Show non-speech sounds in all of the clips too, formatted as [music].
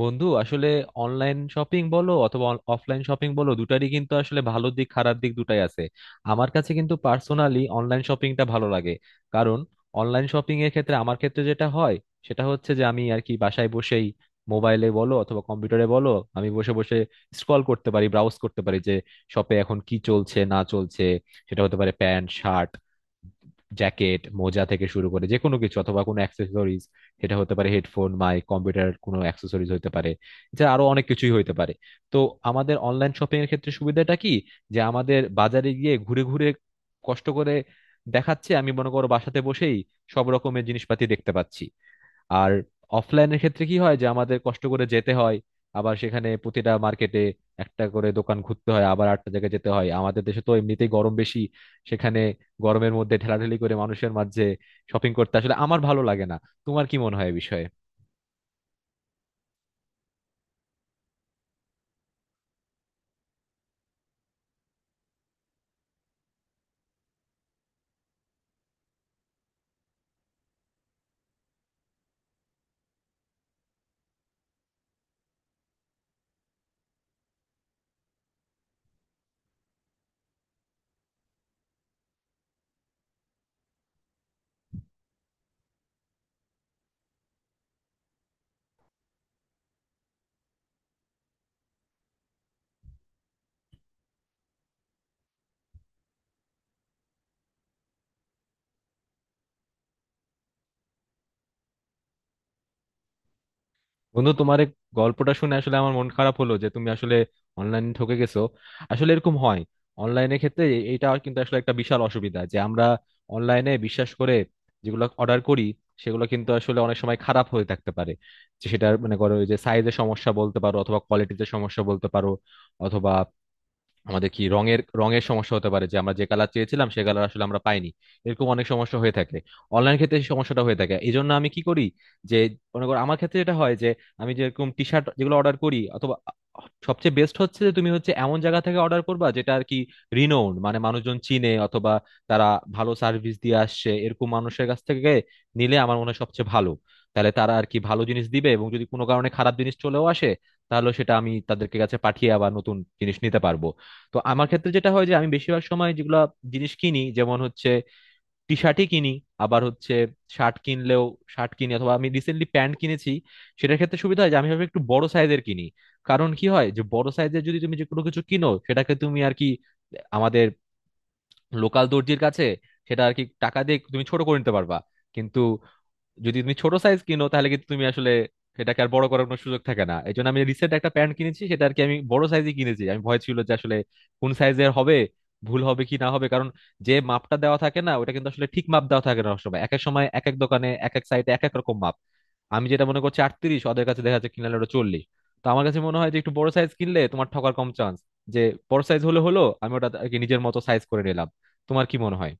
বন্ধু আসলে online shopping বলো অথবা অফলাইন শপিং বলো দুটারই কিন্তু আসলে ভালো দিক খারাপ দিক দুটাই আছে। আমার কাছে কিন্তু পার্সোনালি অনলাইন শপিংটা ভালো লাগে। কারণ অনলাইন শপিং এর ক্ষেত্রে আমার ক্ষেত্রে যেটা হয়, সেটা হচ্ছে যে আমি আর কি বাসায় বসেই মোবাইলে বলো অথবা কম্পিউটারে বলো, আমি বসে বসে স্ক্রল করতে পারি, ব্রাউজ করতে পারি যে শপে এখন কি চলছে না চলছে। সেটা হতে পারে প্যান্ট, শার্ট, জ্যাকেট, মোজা থেকে শুরু করে যে কোনো কিছু, অথবা কোনো অ্যাক্সেসরিজ। সেটা হতে পারে হেডফোন, মাইক, কম্পিউটার, কোনো অ্যাক্সেসরিজ হতে পারে। এছাড়া আরো অনেক কিছুই হতে পারে। তো আমাদের অনলাইন শপিং এর ক্ষেত্রে সুবিধাটা কি, যে আমাদের বাজারে গিয়ে ঘুরে ঘুরে কষ্ট করে দেখাচ্ছে আমি মনে করো বাসাতে বসেই সব রকমের জিনিসপাতি দেখতে পাচ্ছি। আর অফলাইনের ক্ষেত্রে কি হয়, যে আমাদের কষ্ট করে যেতে হয়, আবার সেখানে প্রতিটা মার্কেটে একটা করে দোকান ঘুরতে হয়, আবার আটটা জায়গায় যেতে হয়। আমাদের দেশে তো এমনিতেই গরম বেশি, সেখানে গরমের মধ্যে ঠেলাঠেলি করে মানুষের মাঝে শপিং করতে আসলে আমার ভালো লাগে না। তোমার কি মনে হয় এই বিষয়ে? বন্ধু, তোমার এই গল্পটা শুনে আসলে আমার মন খারাপ হলো যে তুমি আসলে অনলাইনে ঠকে গেছো। আসলে এরকম হয়। অনলাইনের ক্ষেত্রে এটা কিন্তু আসলে একটা বিশাল অসুবিধা, যে আমরা অনলাইনে বিশ্বাস করে যেগুলো অর্ডার করি, সেগুলো কিন্তু আসলে অনেক সময় খারাপ হয়ে থাকতে পারে। যে সেটার মানে করো যে সাইজের সমস্যা বলতে পারো অথবা কোয়ালিটিতে সমস্যা বলতে পারো, অথবা আমাদের কি রঙের রঙের সমস্যা হতে পারে, যে আমরা যে কালার চেয়েছিলাম সে কালার আসলে আমরা পাইনি। এরকম অনেক সমস্যা হয়ে থাকে। অনলাইন ক্ষেত্রে এই সমস্যাটা হয়ে থাকে, এই জন্য আমি কি করি যে, মনে করো আমার ক্ষেত্রে যেটা হয় যে আমি যেরকম টি শার্ট যেগুলো অর্ডার করি, অথবা সবচেয়ে বেস্ট হচ্ছে যে তুমি হচ্ছে এমন জায়গা থেকে অর্ডার করবা যেটা আর কি রিনোন, মানে মানুষজন চিনে, অথবা তারা ভালো সার্ভিস দিয়ে আসছে, এরকম মানুষের কাছ থেকে নিলে আমার মনে হয় সবচেয়ে ভালো। তাহলে তারা আর কি ভালো জিনিস দিবে, এবং যদি কোনো কারণে খারাপ জিনিস চলেও আসে, তাহলে সেটা আমি তাদেরকে কাছে পাঠিয়ে আবার নতুন জিনিস নিতে পারবো। তো আমার ক্ষেত্রে যেটা হয় যে আমি বেশিরভাগ সময় যেগুলা জিনিস কিনি, যেমন হচ্ছে টি শার্টই কিনি, আবার হচ্ছে শার্ট কিনলেও শার্ট কিনি, অথবা আমি রিসেন্টলি প্যান্ট কিনেছি। সেটার ক্ষেত্রে সুবিধা হয় যে আমি ভাবে একটু বড় সাইজের কিনি। কারণ কি হয়, যে বড় সাইজের যদি তুমি যে কোনো কিছু কিনো, সেটাকে তুমি আর কি আমাদের লোকাল দর্জির কাছে সেটা আর কি টাকা দিয়ে তুমি ছোট করে নিতে পারবা। কিন্তু যদি তুমি ছোট সাইজ কিনো, তাহলে কিন্তু তুমি আসলে সেটাকে আর বড় করার কোনো সুযোগ থাকে না। এই জন্য আমি রিসেন্ট একটা প্যান্ট কিনেছি, সেটা আর কি আমি বড় সাইজই কিনেছি। আমি ভয় ছিল যে আসলে কোন সাইজের হবে, ভুল হবে কি না হবে। কারণ যে মাপটা দেওয়া থাকে না ওটা কিন্তু আসলে ঠিক মাপ দেওয়া থাকে না, সবসময় এক এক সময় এক এক দোকানে এক এক সাইডে এক এক রকম মাপ। আমি যেটা মনে করছি 38, ওদের কাছে দেখা যাচ্ছে কিনলে ওটা 40। তো আমার কাছে মনে হয় যে একটু বড় সাইজ কিনলে তোমার ঠকার কম চান্স, যে বড় সাইজ হলে হলো আমি ওটা আর কি নিজের মতো সাইজ করে নিলাম। তোমার কি মনে হয়?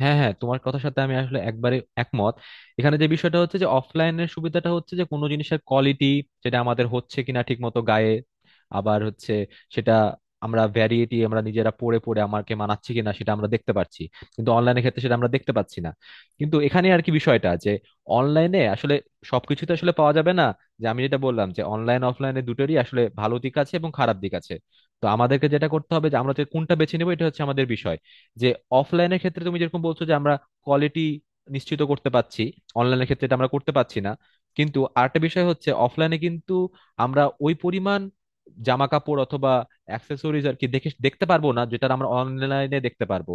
হ্যাঁ, হ্যাঁ, তোমার কথার সাথে আমি আসলে একবারে একমত। এখানে যে বিষয়টা হচ্ছে যে অফলাইনের সুবিধাটা হচ্ছে যে কোনো জিনিসের কোয়ালিটি, যেটা আমাদের হচ্ছে কিনা ঠিক মতো গায়ে, আবার হচ্ছে সেটা আমরা ভ্যারিয়েটি আমরা নিজেরা পড়ে পড়ে আমাকে মানাচ্ছে কিনা সেটা আমরা দেখতে পাচ্ছি। কিন্তু অনলাইনের ক্ষেত্রে সেটা আমরা দেখতে পাচ্ছি না। কিন্তু এখানে আর কি বিষয়টা যে অনলাইনে আসলে সবকিছু তো আসলে পাওয়া যাবে না, যে আমি যেটা বললাম যে অনলাইন অফলাইনে দুটোরই আসলে ভালো দিক আছে এবং খারাপ দিক আছে। তো আমাদেরকে যেটা করতে হবে যে আমরা যে কোনটা বেছে নেবো এটা হচ্ছে আমাদের বিষয়। যে অফলাইনের ক্ষেত্রে তুমি যেরকম বলছো যে আমরা কোয়ালিটি নিশ্চিত করতে পারছি, অনলাইনের ক্ষেত্রে এটা আমরা করতে পারছি না। কিন্তু আরেকটা বিষয় হচ্ছে অফলাইনে কিন্তু আমরা ওই পরিমাণ জামা কাপড় অথবা অ্যাক্সেসরিজ আর কি দেখে দেখতে পারবো না, যেটা আমরা অনলাইনে দেখতে পারবো।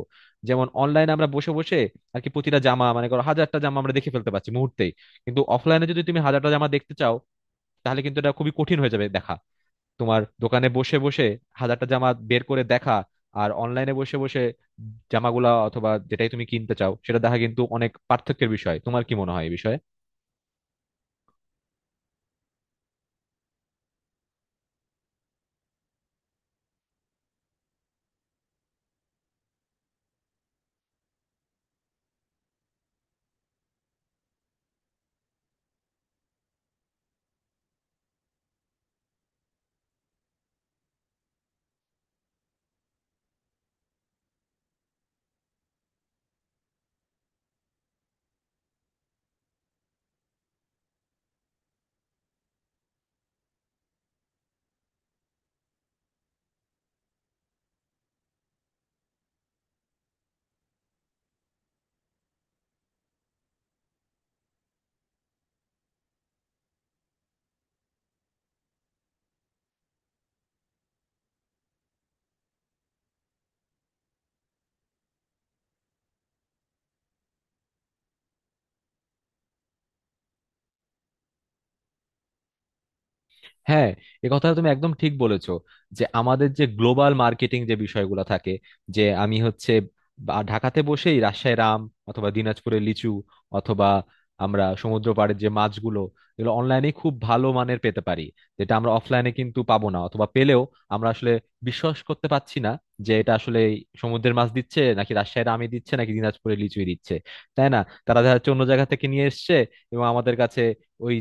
যেমন অনলাইনে আমরা বসে বসে আর কি প্রতিটা জামা মানে করো হাজারটা জামা আমরা দেখে ফেলতে পারছি মুহূর্তেই। কিন্তু অফলাইনে যদি তুমি হাজারটা জামা দেখতে চাও, তাহলে কিন্তু এটা খুবই কঠিন হয়ে যাবে দেখা, তোমার দোকানে বসে বসে হাজারটা জামা বের করে দেখা। আর অনলাইনে বসে বসে জামাগুলা অথবা যেটাই তুমি কিনতে চাও সেটা দেখা কিন্তু অনেক পার্থক্যের বিষয়। তোমার কি মনে হয় এই বিষয়ে? হ্যাঁ, এ কথা তুমি একদম ঠিক বলেছো। যে আমাদের যে গ্লোবাল মার্কেটিং যে বিষয়গুলো থাকে, যে আমি হচ্ছে ঢাকাতে বসেই রাজশাহী আম অথবা দিনাজপুরে লিচু অথবা আমরা সমুদ্র পাড়ের যে মাছগুলো, এগুলো অনলাইনে খুব ভালো মানের পেতে পারি, যেটা আমরা অফলাইনে কিন্তু পাবো না। অথবা পেলেও আমরা আসলে বিশ্বাস করতে পারছি না যে এটা আসলে সমুদ্রের মাছ দিচ্ছে নাকি রাজশাহীর আমই দিচ্ছে নাকি দিনাজপুরের লিচুই দিচ্ছে, তাই না। তারা দেখা যাচ্ছে অন্য জায়গা থেকে নিয়ে এসছে এবং আমাদের কাছে ওই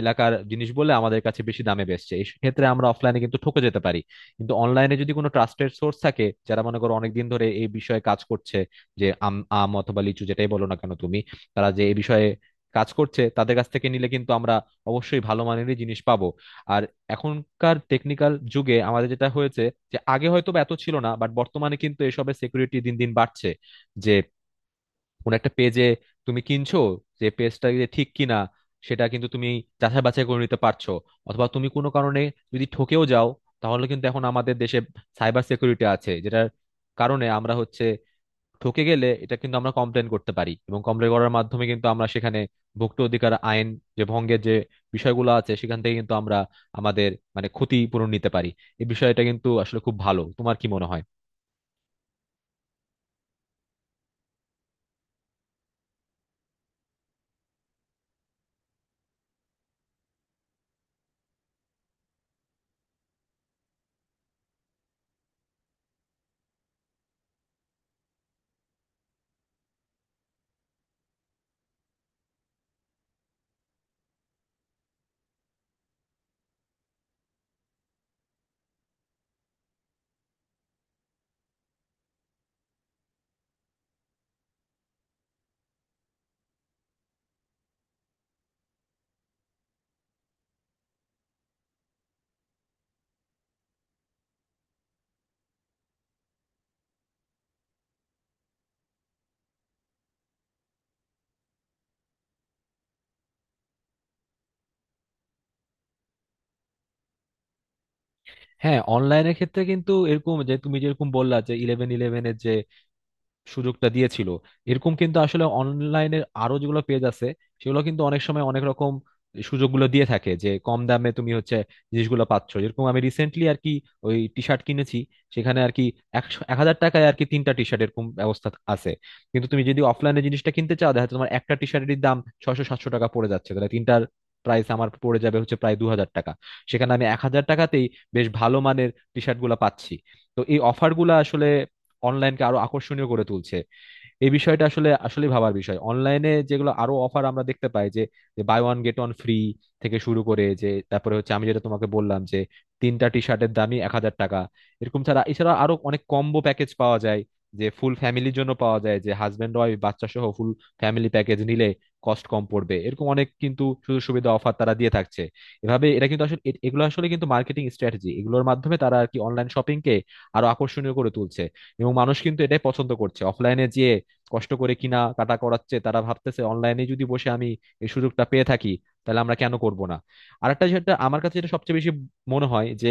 এলাকার জিনিস বলে আমাদের কাছে বেশি দামে বেচছে, এই ক্ষেত্রে আমরা অফলাইনে কিন্তু ঠকে যেতে পারি। কিন্তু অনলাইনে যদি কোনো ট্রাস্টেড সোর্স থাকে যারা মনে করো অনেকদিন ধরে এই বিষয়ে কাজ করছে, যে আম আম অথবা লিচু যেটাই বলো না কেন তুমি, তারা যে এই বিষয়ে কাজ করছে, তাদের কাছ থেকে নিলে কিন্তু আমরা অবশ্যই ভালো মানেরই জিনিস পাবো। আর এখনকার টেকনিক্যাল যুগে আমাদের যেটা হয়েছে যে আগে হয়তো বা এত ছিল না, বাট বর্তমানে কিন্তু এসবের সিকিউরিটি দিন দিন বাড়ছে। যে কোন একটা পেজে তুমি কিনছো, যে পেজটা যে ঠিক কিনা সেটা কিন্তু তুমি যাচাই বাছাই করে নিতে পারছো। অথবা তুমি কোনো কারণে যদি ঠকেও যাও, তাহলে কিন্তু এখন আমাদের দেশে সাইবার সিকিউরিটি আছে, যেটার কারণে আমরা হচ্ছে ঠকে গেলে এটা কিন্তু আমরা কমপ্লেন করতে পারি, এবং কমপ্লেন করার মাধ্যমে কিন্তু আমরা সেখানে ভোক্তা অধিকার আইন যে ভঙ্গের যে বিষয়গুলো আছে সেখান থেকে কিন্তু আমরা আমাদের মানে ক্ষতিপূরণ নিতে পারি। এই বিষয়টা কিন্তু আসলে খুব ভালো। তোমার কি মনে হয়? হ্যাঁ, অনলাইনের ক্ষেত্রে কিন্তু এরকম যে তুমি যেরকম বললা যে ইলেভেন ইলেভেনের যে সুযোগটা দিয়েছিল, এরকম কিন্তু আসলে অনলাইনের আরো যেগুলো পেজ আছে সেগুলো কিন্তু অনেক সময় অনেক রকম সুযোগগুলো দিয়ে থাকে। যে কম দামে তুমি হচ্ছে জিনিসগুলো পাচ্ছ, যেরকম আমি রিসেন্টলি আর কি ওই টি শার্ট কিনেছি। সেখানে আর কি 1000 টাকায় আর কি তিনটা টি শার্ট এরকম ব্যবস্থা আছে। কিন্তু তুমি যদি অফলাইনে জিনিসটা কিনতে চাও, দেখা যাচ্ছে তোমার একটা টি শার্টের দাম 600-700 টাকা পড়ে যাচ্ছে। তাহলে তিনটার প্রাইস আমার পড়ে যাবে হচ্ছে প্রায় 2000 টাকা। সেখানে আমি 1000 টাকাতেই বেশ ভালো মানের টি শার্ট গুলা পাচ্ছি। তো এই অফার গুলা আসলে অনলাইনকে আরো আকর্ষণীয় করে তুলছে। এই বিষয়টা আসলে আসলে ভাবার বিষয়। অনলাইনে যেগুলো আরো অফার আমরা দেখতে পাই, যে buy one get one free থেকে শুরু করে, যে তারপরে হচ্ছে আমি যেটা তোমাকে বললাম যে তিনটা টি শার্টের দামই 1000 টাকা। এরকম ছাড়া এছাড়া আরো অনেক কম্বো প্যাকেজ পাওয়া যায়, যে ফুল ফ্যামিলির জন্য পাওয়া যায়, যে হাজবেন্ড ওয়াইফ বাচ্চা সহ ফুল ফ্যামিলি প্যাকেজ নিলে কস্ট কম পড়বে। এরকম অনেক কিন্তু সুযোগ সুবিধা অফার তারা দিয়ে থাকছে এভাবে। এটা কিন্তু আসলে এগুলো আসলে কিন্তু মার্কেটিং স্ট্র্যাটেজি, এগুলোর মাধ্যমে তারা আর কি অনলাইন শপিং কে আরো আকর্ষণীয় করে তুলছে। এবং মানুষ কিন্তু এটাই পছন্দ করছে, অফলাইনে যে কষ্ট করে কিনা কাটা করাচ্ছে, তারা ভাবতেছে অনলাইনে যদি বসে আমি এই সুযোগটা পেয়ে থাকি, তাহলে আমরা কেন করব না। আরেকটা যেটা আমার কাছে যেটা সবচেয়ে বেশি মনে হয় যে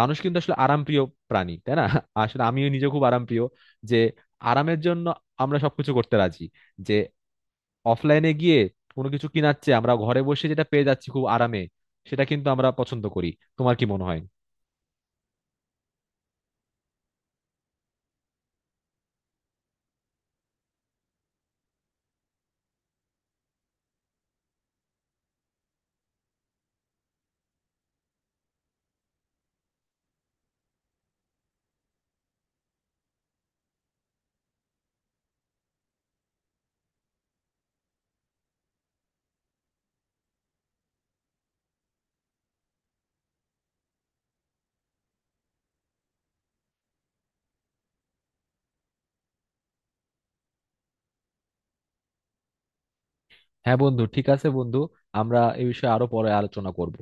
মানুষ কিন্তু আসলে আরামপ্রিয় প্রাণী, তাই না। [laughs] আসলে আমিও নিজে খুব আরামপ্রিয়। যে আরামের জন্য আমরা সবকিছু করতে রাজি। যে অফলাইনে গিয়ে কোনো কিছু কিনাচ্ছে আমরা ঘরে বসে যেটা পেয়ে যাচ্ছি খুব আরামে, সেটা কিন্তু আমরা পছন্দ করি। তোমার কি মনে হয়? হ্যাঁ বন্ধু, ঠিক আছে বন্ধু, আমরা এই বিষয়ে আরো পরে আলোচনা করব।